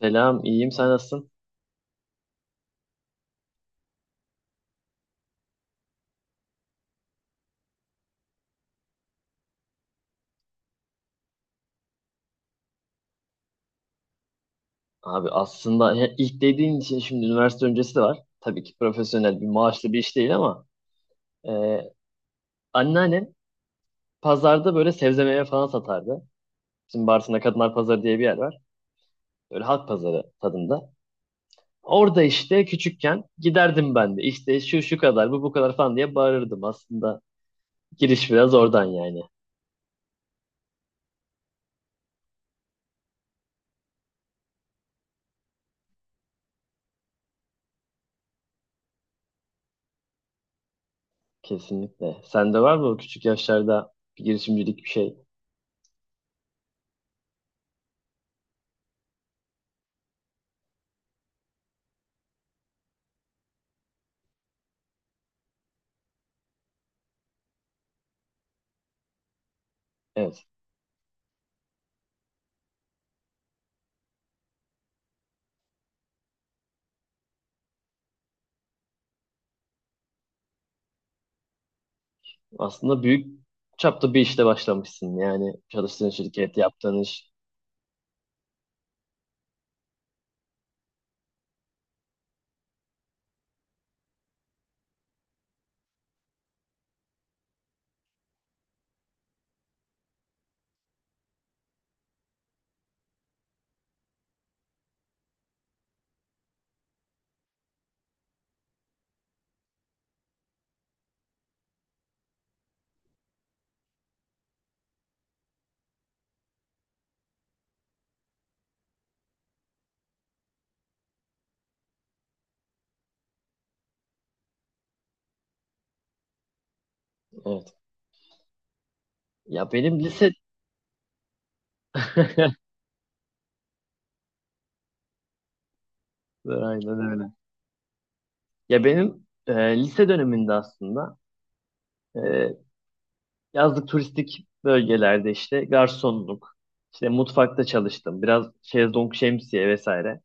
Selam, iyiyim. Sen nasılsın? Abi aslında ya ilk dediğin için şimdi üniversite öncesi de var. Tabii ki profesyonel bir maaşlı bir iş değil ama e, anneannem pazarda böyle sebze meyve falan satardı. Bizim Bartın'da Kadınlar Pazarı diye bir yer var. Böyle halk pazarı tadında. Orada işte küçükken giderdim ben de. İşte şu şu kadar, bu bu kadar falan diye bağırırdım. Aslında giriş biraz oradan yani. Kesinlikle. Sende var mı o küçük yaşlarda bir girişimcilik bir şey? Evet. Aslında büyük çapta bir işte başlamışsın. Yani çalıştığın şirket, yaptığın iş. Evet. Ya benim lise... Aynen öyle. Ya benim lise döneminde aslında e, yazlık turistik bölgelerde işte garsonluk, işte mutfakta çalıştım. Biraz şezlong, şemsiye vesaire.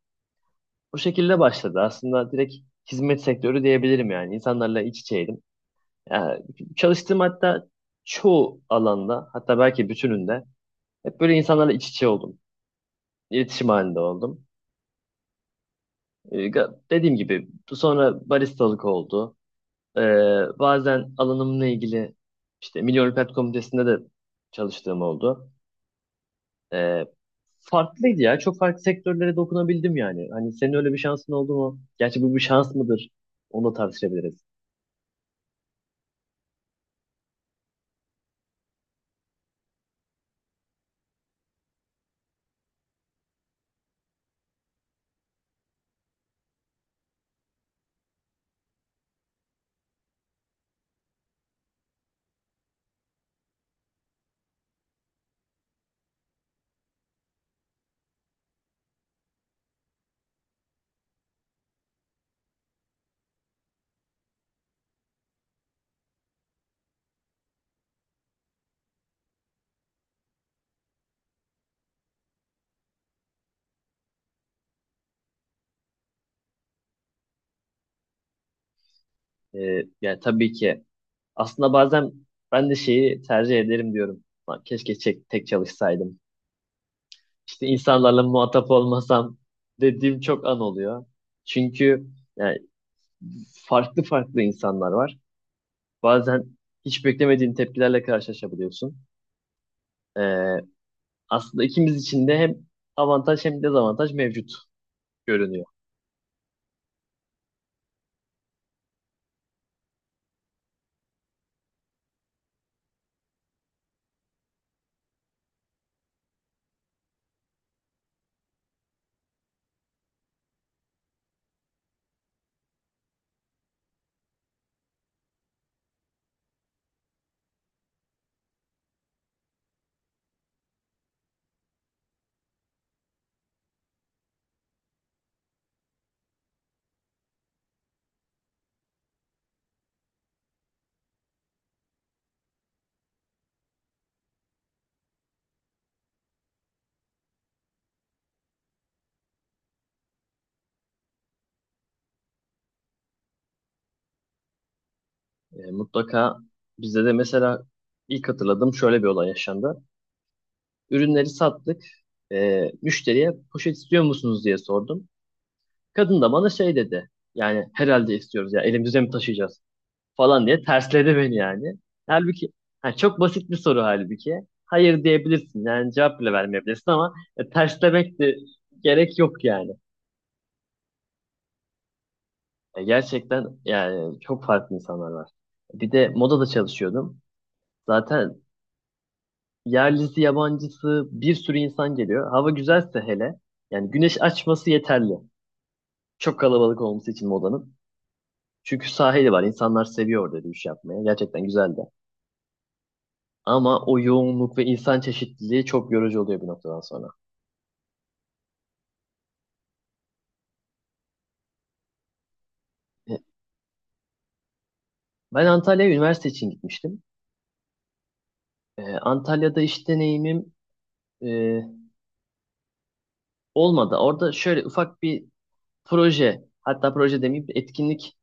Bu şekilde başladı. Aslında direkt hizmet sektörü diyebilirim yani. İnsanlarla iç içeydim. Ya, çalıştığım hatta çoğu alanda hatta belki bütününde hep böyle insanlarla iç içe oldum. İletişim halinde oldum. Dediğim gibi sonra baristalık oldu. Ee, Bazen alanımla ilgili işte Milli Olimpiyat Komitesi'nde de çalıştığım oldu. Ee, Farklıydı ya. Çok farklı sektörlere dokunabildim yani. Hani senin öyle bir şansın oldu mu? Gerçi bu bir şans mıdır? Onu da tartışabiliriz. Yani tabii ki aslında bazen ben de şeyi tercih ederim diyorum. Lan keşke tek çalışsaydım. İşte insanlarla muhatap olmasam dediğim çok an oluyor. Çünkü yani farklı farklı insanlar var. Bazen hiç beklemediğin tepkilerle karşılaşabiliyorsun. Ee, Aslında ikimiz için de hem avantaj hem dezavantaj mevcut görünüyor. Mutlaka bizde de mesela ilk hatırladığım şöyle bir olay yaşandı. Ürünleri sattık. Müşteriye poşet istiyor musunuz diye sordum. Kadın da bana şey dedi. Yani herhalde istiyoruz ya, elimizde mi taşıyacağız? Falan diye tersledi beni yani. Halbuki ha, çok basit bir soru halbuki. Hayır diyebilirsin yani, cevap bile vermeyebilirsin ama terslemek de gerek yok yani. Gerçekten yani çok farklı insanlar var. Bir de modada çalışıyordum. Zaten yerlisi yabancısı bir sürü insan geliyor. Hava güzelse hele, yani güneş açması yeterli. Çok kalabalık olması için modanın. Çünkü sahili var. İnsanlar seviyor orada yürüyüş yapmaya. Gerçekten güzeldi. Ama o yoğunluk ve insan çeşitliliği çok yorucu oluyor bir noktadan sonra. E, Ben Antalya'ya üniversite için gitmiştim. Antalya'da iş deneyimim e, olmadı. Orada şöyle ufak bir proje, hatta proje demeyeyim bir etkinlik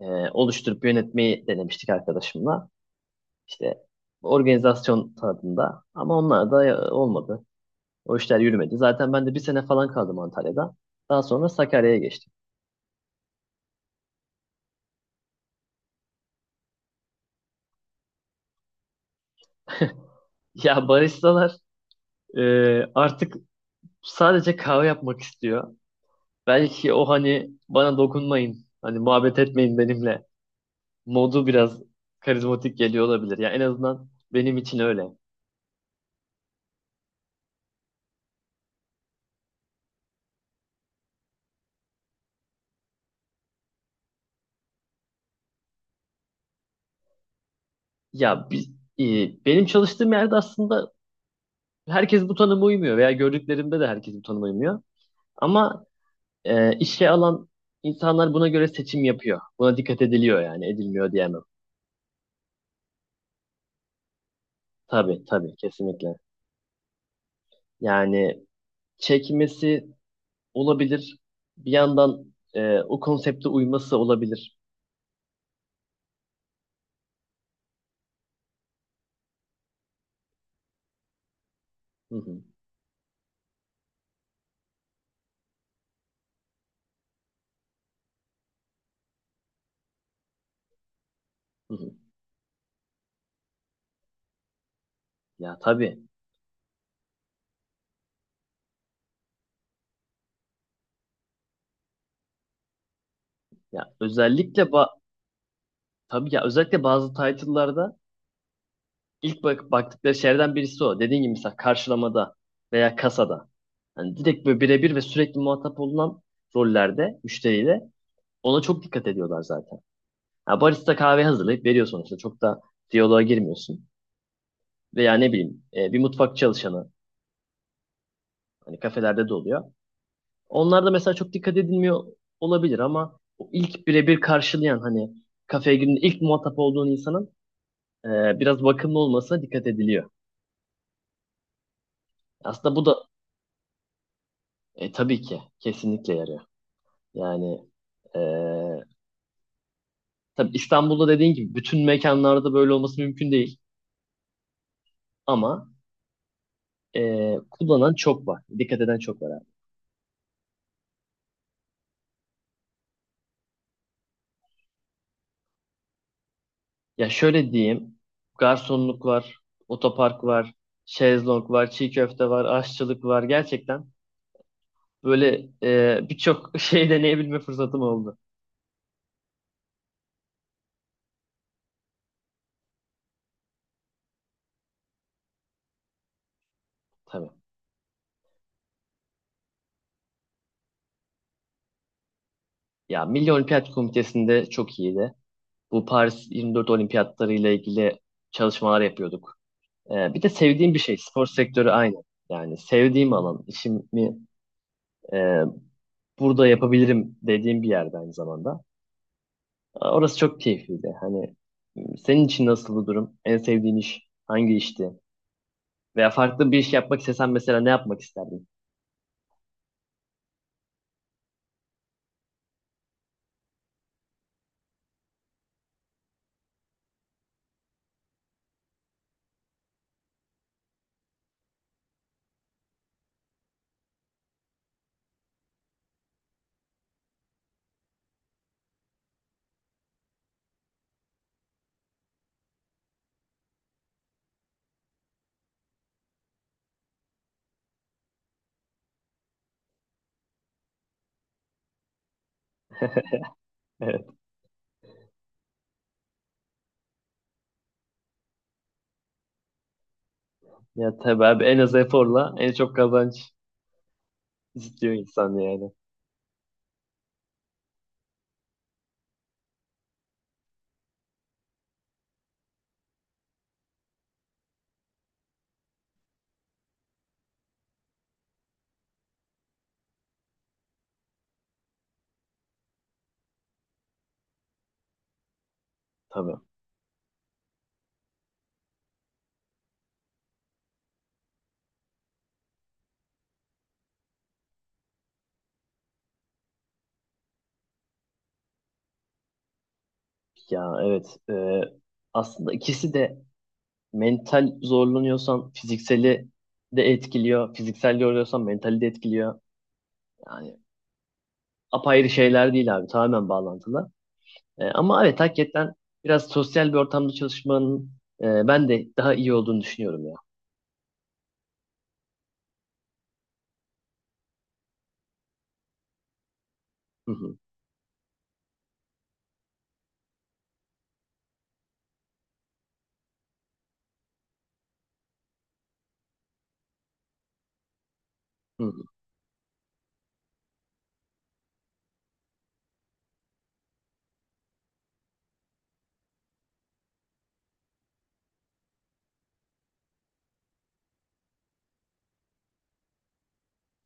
e, oluşturup yönetmeyi denemiştik arkadaşımla. İşte organizasyon tadında ama onlar da olmadı. O işler yürümedi. Zaten ben de bir sene falan kaldım Antalya'da. Daha sonra Sakarya'ya geçtim. Ya baristalar e, artık sadece kahve yapmak istiyor. Belki o hani bana dokunmayın, hani muhabbet etmeyin benimle modu biraz karizmatik geliyor olabilir. Ya en azından benim için öyle. Ya biz, benim çalıştığım yerde aslında herkes bu tanıma uymuyor veya gördüklerimde de herkes bu tanıma uymuyor. Ama işe alan insanlar buna göre seçim yapıyor. Buna dikkat ediliyor, yani edilmiyor diyemem. Tabii tabii, kesinlikle. Yani çekmesi olabilir. Bir yandan o konsepte uyması olabilir. Hı hı, hı hı. Ya tabii. Ya özellikle ba tabii ya, özellikle bazı title'larda ilk baktıkları şeylerden birisi o. Dediğin gibi mesela karşılamada veya kasada. Hani direkt böyle birebir ve sürekli muhatap olunan rollerde müşteriyle ona çok dikkat ediyorlar zaten. Ya barista kahve hazırlayıp veriyor sonuçta. Çok da diyaloğa girmiyorsun. Veya ne bileyim bir mutfak çalışanı hani kafelerde de oluyor. Onlar da mesela çok dikkat edilmiyor olabilir ama o ilk birebir karşılayan, hani kafeye girdiğinde ilk muhatap olduğun insanın biraz bakımlı olmasına dikkat ediliyor. Aslında bu da tabii ki kesinlikle yarıyor. Yani e, tabii İstanbul'da dediğin gibi bütün mekanlarda böyle olması mümkün değil ama kullanan çok var. Dikkat eden çok var abi. Ya şöyle diyeyim, garsonluk var, otopark var, şezlong var, çiğ köfte var, aşçılık var, gerçekten böyle birçok şey deneyebilme fırsatım oldu. Tabii. Ya Milli Olimpiyat Komitesi'nde çok iyiydi. Bu Paris 24 Olimpiyatları ile ilgili çalışmalar yapıyorduk. E, bir de sevdiğim bir şey. Spor sektörü aynı. Yani sevdiğim alan. İşimi e, burada yapabilirim dediğim bir yerde aynı zamanda. E, orası çok keyifliydi. Hani senin için nasıldı durum? En sevdiğin iş hangi işti? Veya farklı bir iş yapmak istesen mesela ne yapmak isterdin? Evet. Ya tabii abi, en az eforla en çok kazanç. İstiyor insan yani. Tabii. Ya evet. Aslında ikisi de mental zorlanıyorsan fizikseli de etkiliyor. Fiziksel yoruluyorsan mentali de etkiliyor. Yani apayrı şeyler değil abi. Tamamen bağlantılı. Ama evet hakikaten biraz sosyal bir ortamda çalışmanın ben de daha iyi olduğunu düşünüyorum ya. Hı hı, hı hı.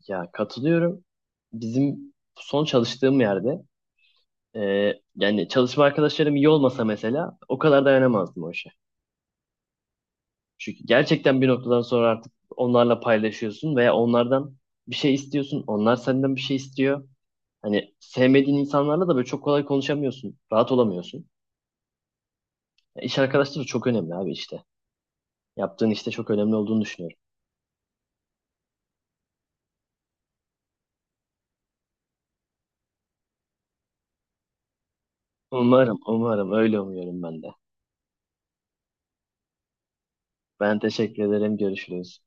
Ya katılıyorum. Bizim son çalıştığım yerde e, yani çalışma arkadaşlarım iyi olmasa mesela o kadar dayanamazdım o işe. Çünkü gerçekten bir noktadan sonra artık onlarla paylaşıyorsun veya onlardan bir şey istiyorsun. Onlar senden bir şey istiyor. Hani sevmediğin insanlarla da böyle çok kolay konuşamıyorsun. Rahat olamıyorsun. Ya İş arkadaşları çok önemli abi işte. Yaptığın işte çok önemli olduğunu düşünüyorum. Umarım, umarım öyle umuyorum ben de. Ben teşekkür ederim. Görüşürüz.